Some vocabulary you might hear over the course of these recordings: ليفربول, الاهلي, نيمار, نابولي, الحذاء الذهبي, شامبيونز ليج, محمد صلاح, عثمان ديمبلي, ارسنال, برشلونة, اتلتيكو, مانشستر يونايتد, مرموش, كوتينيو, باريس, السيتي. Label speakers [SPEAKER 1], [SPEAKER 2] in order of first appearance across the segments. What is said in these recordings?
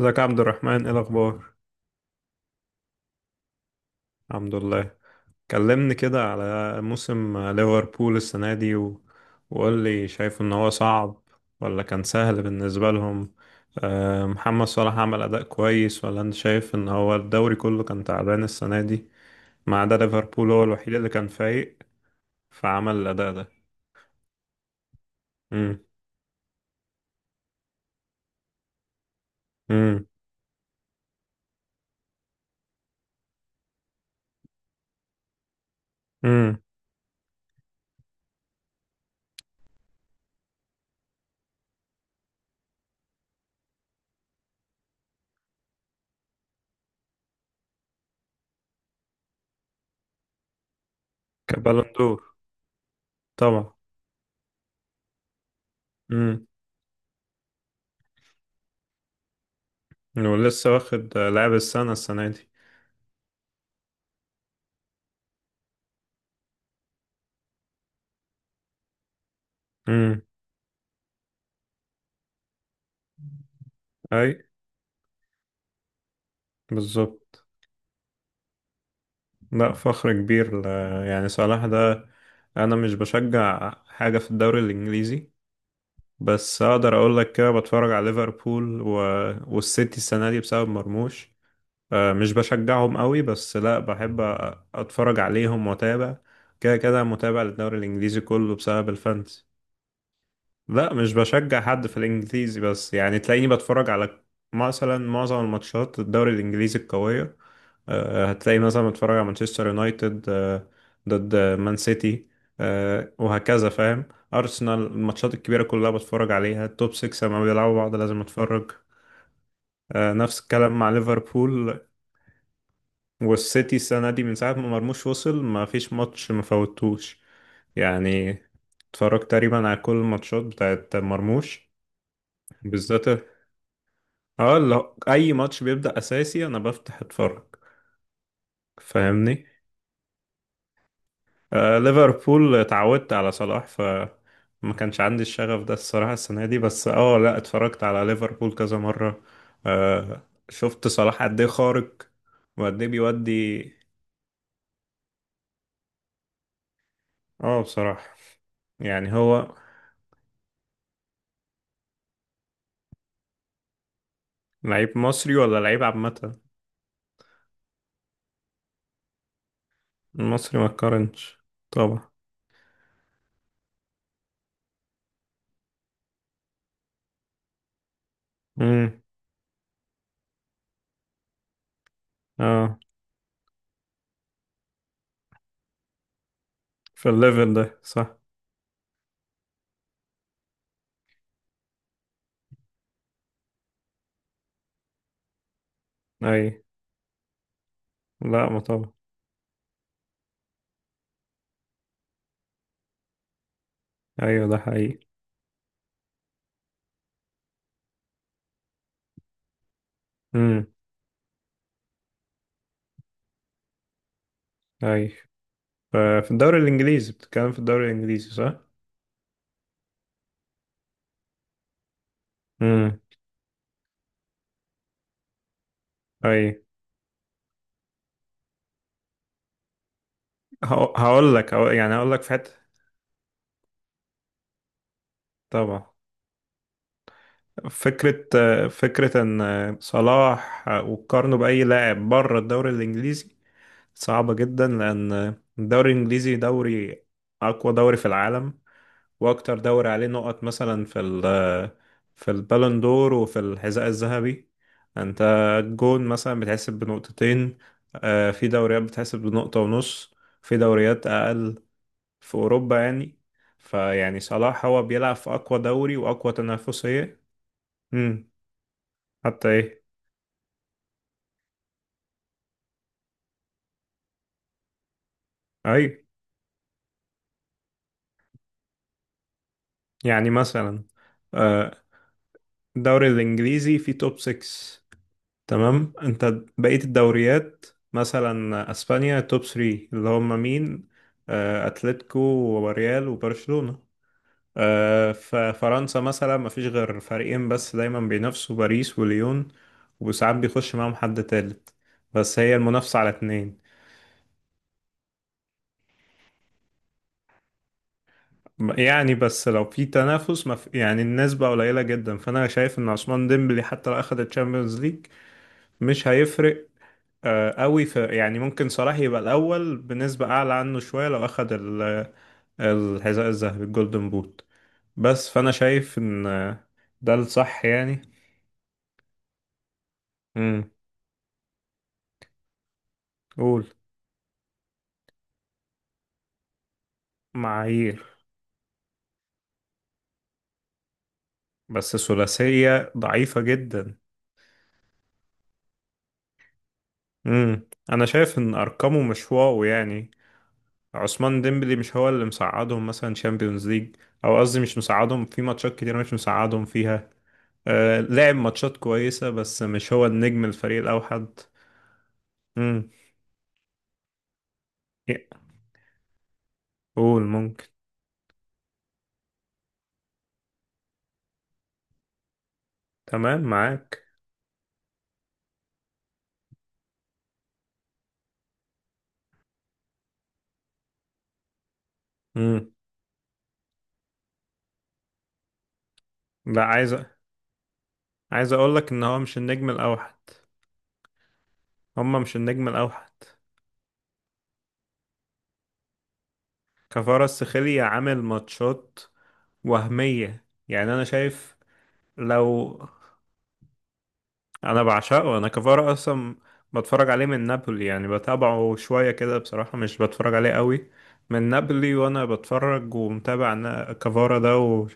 [SPEAKER 1] ازيك يا عبد الرحمن؟ ايه الاخبار؟ الحمد لله. كلمني كده على موسم ليفربول السنه دي وقول لي، شايف ان هو صعب ولا كان سهل بالنسبه لهم؟ محمد صلاح عمل اداء كويس، ولا انت شايف ان هو الدوري كله كان تعبان السنه دي ما عدا ليفربول؟ هو الوحيد اللي كان فايق. فعمل الاداء ده. امم امم امم كبالون دور. طبعا. امم ولسه واخد لاعب السنه دي. امم اي، بالظبط. لا، فخر كبير يعني صلاح ده. انا مش بشجع حاجه في الدوري الانجليزي، بس اقدر اقول لك كده بتفرج على ليفربول والسيتي السنه دي بسبب مرموش. مش بشجعهم قوي، بس لا بحب اتفرج عليهم واتابع. كده كده متابع للدوري الانجليزي كله بسبب الفانتسي. لا، مش بشجع حد في الانجليزي، بس يعني تلاقيني بتفرج على مثلا معظم الماتشات الدوري الانجليزي القويه. هتلاقي مثلا بتفرج على مانشستر يونايتد ضد مان سيتي، وهكذا فاهم. ارسنال الماتشات الكبيره كلها بتفرج عليها، التوب 6 لما بيلعبوا بعض لازم اتفرج. نفس الكلام مع ليفربول والسيتي السنه دي، من ساعه ما مرموش وصل ما فيش ماتش ما فوتوش. يعني اتفرجت تقريبا على كل الماتشات بتاعت مرموش بالذات. اه اللي هو اي ماتش بيبدأ اساسي انا بفتح اتفرج. فاهمني. ليفربول اتعودت على صلاح ف ما كانش عندي الشغف ده الصراحة السنة دي، بس لا اتفرجت على ليفربول كذا مرة. شفت صلاح قد ايه خارق وقد ايه بيودي. اه بصراحة يعني هو، لعيب مصري ولا لعيب عامة؟ المصري ما تقارنش طبعا. امم اه في الليفل ده، صح. اي. لا، ما طبعا. ايوه، ده حقيقي. امم اي، ففي الدوري الانجليزي، بتتكلم في الدوري الانجليزي، صح. امم اي. يعني هقول لك في حته. طبعا. فكره فكره ان صلاح وتقارنه باي لاعب بره الدوري الانجليزي صعبه جدا، لان الدوري الانجليزي دوري، اقوى دوري في العالم، واكتر دوري عليه نقط، مثلا في البالون دور وفي الحذاء الذهبي. انت الجون مثلا بتحسب بنقطتين، في دوريات بتحسب بنقطة ونص، في دوريات اقل في اوروبا يعني. فيعني صلاح هو بيلعب في اقوى دوري واقوى تنافسية. امم حتى ايه؟ اي، يعني مثلا آه، الدوري الانجليزي فيه توب 6، تمام؟ انت بقية الدوريات مثلا اسبانيا توب 3، اللي هم مين؟ اتلتيكو وريال وبرشلونة. ففرنسا مثلا ما فيش غير فريقين، بس دايما بينافسوا، باريس وليون، وساعات بيخش معاهم حد تالت، بس هي المنافسة على اتنين. يعني بس لو في تنافس، ما في يعني، النسبة قليلة جدا. فأنا شايف إن عثمان ديمبلي حتى لو أخد الشامبيونز ليج مش هيفرق قوي في يعني. ممكن صلاح يبقى الأول بنسبة أعلى عنه شوية لو أخد الحذاء الذهبي الجولدن بوت. بس فأنا شايف إن ده الصح يعني. امم قول. معايير. بس ثلاثية ضعيفة جدا. امم أنا شايف إن أرقامه مش واو يعني. عثمان ديمبلي مش هو اللي مساعدهم مثلا شامبيونز ليج، أو قصدي مش مساعدهم في ماتشات كتير، مش مساعدهم فيها. لعب ماتشات كويسة، بس مش هو النجم الفريق الأوحد. امم قول ممكن. تمام، معاك. امم لا، عايز عايز اقول لك ان هو مش النجم الاوحد. هما مش النجم الاوحد. كفارة السخيلي عامل ماتشات وهمية، يعني انا شايف. لو انا بعشقه، انا كفارة اصلا. بتفرج عليه من نابولي، يعني بتابعه شوية كده بصراحة، مش بتفرج عليه قوي من نابولي. وانا بتفرج ومتابع أنا كفارة ده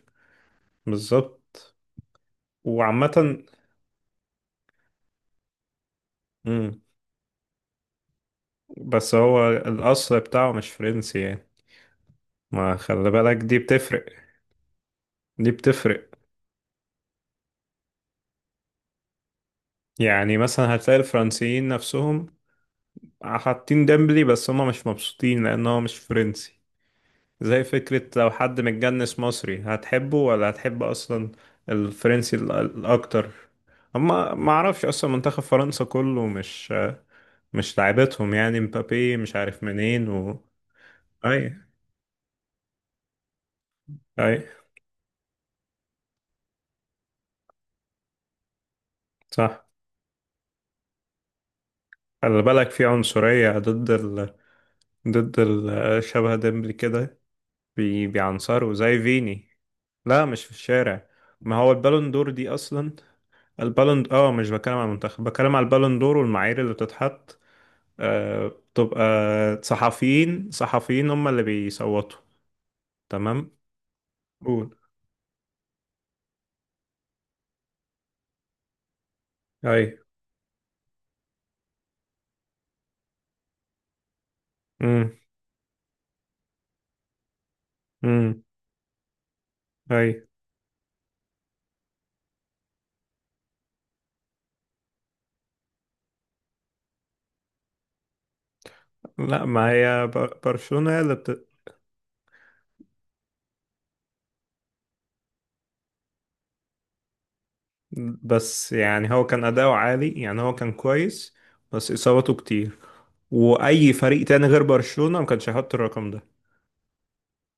[SPEAKER 1] بالظبط وعامة. امم بس هو الاصل بتاعه مش فرنسي يعني، ما خلي بالك دي بتفرق. دي بتفرق. يعني مثلا هتلاقي الفرنسيين نفسهم حاطين ديمبلي، بس هما مش مبسوطين لأن هو مش فرنسي. زي فكرة لو حد متجنس مصري هتحبه ولا هتحب أصلا الفرنسي الأكتر. أما ما أعرفش أصلا، منتخب فرنسا كله مش، مش لعيبتهم يعني، مبابي مش عارف منين أي، أي، صح. خلي بالك في عنصرية شبه ديمبلي كده. بيعنصروا زي فيني. لا، مش في الشارع. ما هو البالون دور دي اصلا، البالون، مش بتكلم على المنتخب، بتكلم على البالون دور والمعايير اللي بتتحط. بتبقى صحفيين هم اللي بيصوتوا. تمام، قول. اي. امم امم اي. لا، ما هي برشلونة هي اللي بت، بس يعني هو كان اداؤه عالي، يعني هو كان كويس، بس اصابته كتير. واي فريق تاني غير برشلونة ما كانش هيحط الرقم ده.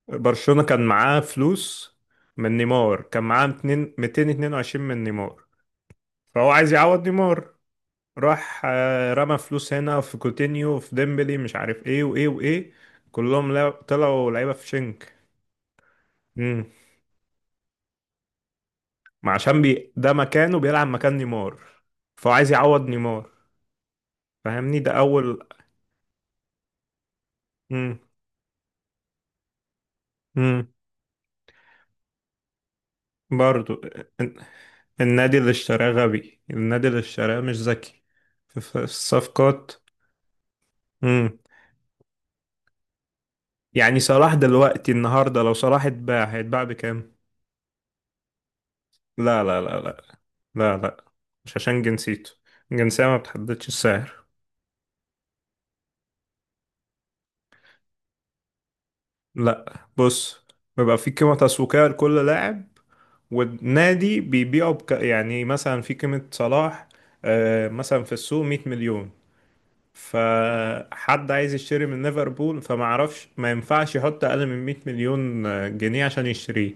[SPEAKER 1] برشلونة كان معاه فلوس من نيمار، كان معاه 200 222 من نيمار، فهو عايز يعوض نيمار. راح رمى فلوس هنا في كوتينيو، في ديمبلي، مش عارف ايه وايه وايه. كلهم طلعوا لعيبة في شنك. امم ما عشان بي ده مكانه بيلعب مكان نيمار، فهو عايز يعوض نيمار، فاهمني؟ ده اول. امم امم برضو الن- النادي اللي اشتراه غبي، النادي اللي اشتراه مش ذكي في الصفقات. يعني صلاح دلوقتي النهارده لو صلاح اتباع هيتباع بكام؟ لا، لا، لا، لا، لا، لا، مش عشان جنسيته. الجنسية ما بتحددش السعر. لا، بص، بيبقى في قيمة تسويقية لكل لاعب، والنادي بيبيعه بك، يعني مثلا في قيمة صلاح مثلا في السوق 100 مليون. فحد عايز يشتري من ليفربول فما عرفش ما ينفعش يحط أقل من 100 مليون جنيه عشان يشتريه،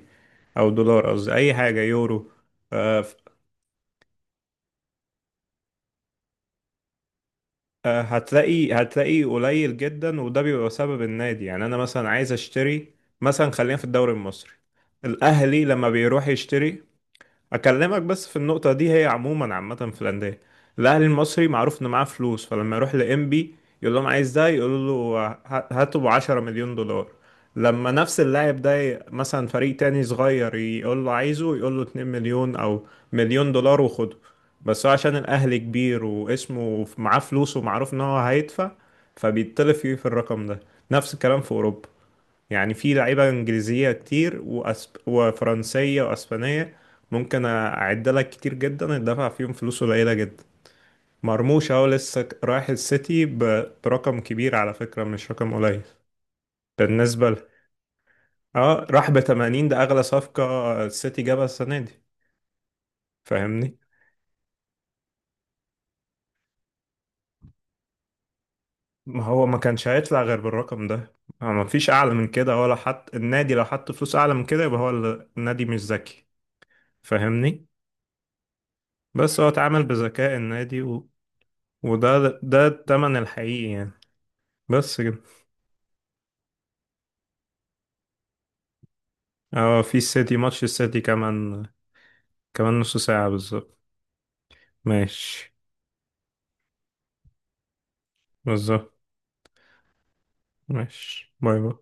[SPEAKER 1] أو دولار قصدي، أي حاجة، يورو. آه، هتلاقي قليل جدا، وده بيبقى سبب النادي. يعني انا مثلا عايز اشتري، مثلا خلينا في الدوري المصري، الاهلي لما بيروح يشتري، اكلمك بس في النقطه دي، هي عموما عامه في الانديه. الاهلي المصري معروف انه معاه فلوس، فلما يروح لانبي يقول لهم عايز ده، يقول له هاته ب 10 مليون دولار. لما نفس اللاعب ده مثلا فريق تاني صغير يقول له عايزه، يقول له 2 مليون او مليون دولار وخده. بس هو عشان الاهلي كبير واسمه معاه فلوس ومعروف ان هو هيدفع، فبيتطلب فيه في الرقم ده. نفس الكلام في اوروبا، يعني في لعيبة إنجليزية كتير وفرنسية وأسبانية، ممكن أعد لك كتير جدا الدفع فيهم فلوس قليلة جدا. مرموش أهو لسه رايح السيتي برقم كبير على فكرة، مش رقم قليل. بالنسبة اه راح ب 80، ده أغلى صفقة السيتي جابها السنة دي، فاهمني. ما هو ما كانش هيطلع غير بالرقم ده. ما فيش أعلى من كده، ولا حط النادي، لو حط فلوس أعلى من كده يبقى هو النادي مش ذكي، فاهمني. بس هو اتعامل بذكاء النادي، وده ده التمن الحقيقي يعني. بس كده. اه في السيتي ماتش، السيتي كمان، كمان نص ساعة بالظبط. ماشي، بالظبط. ماشي، باي باي.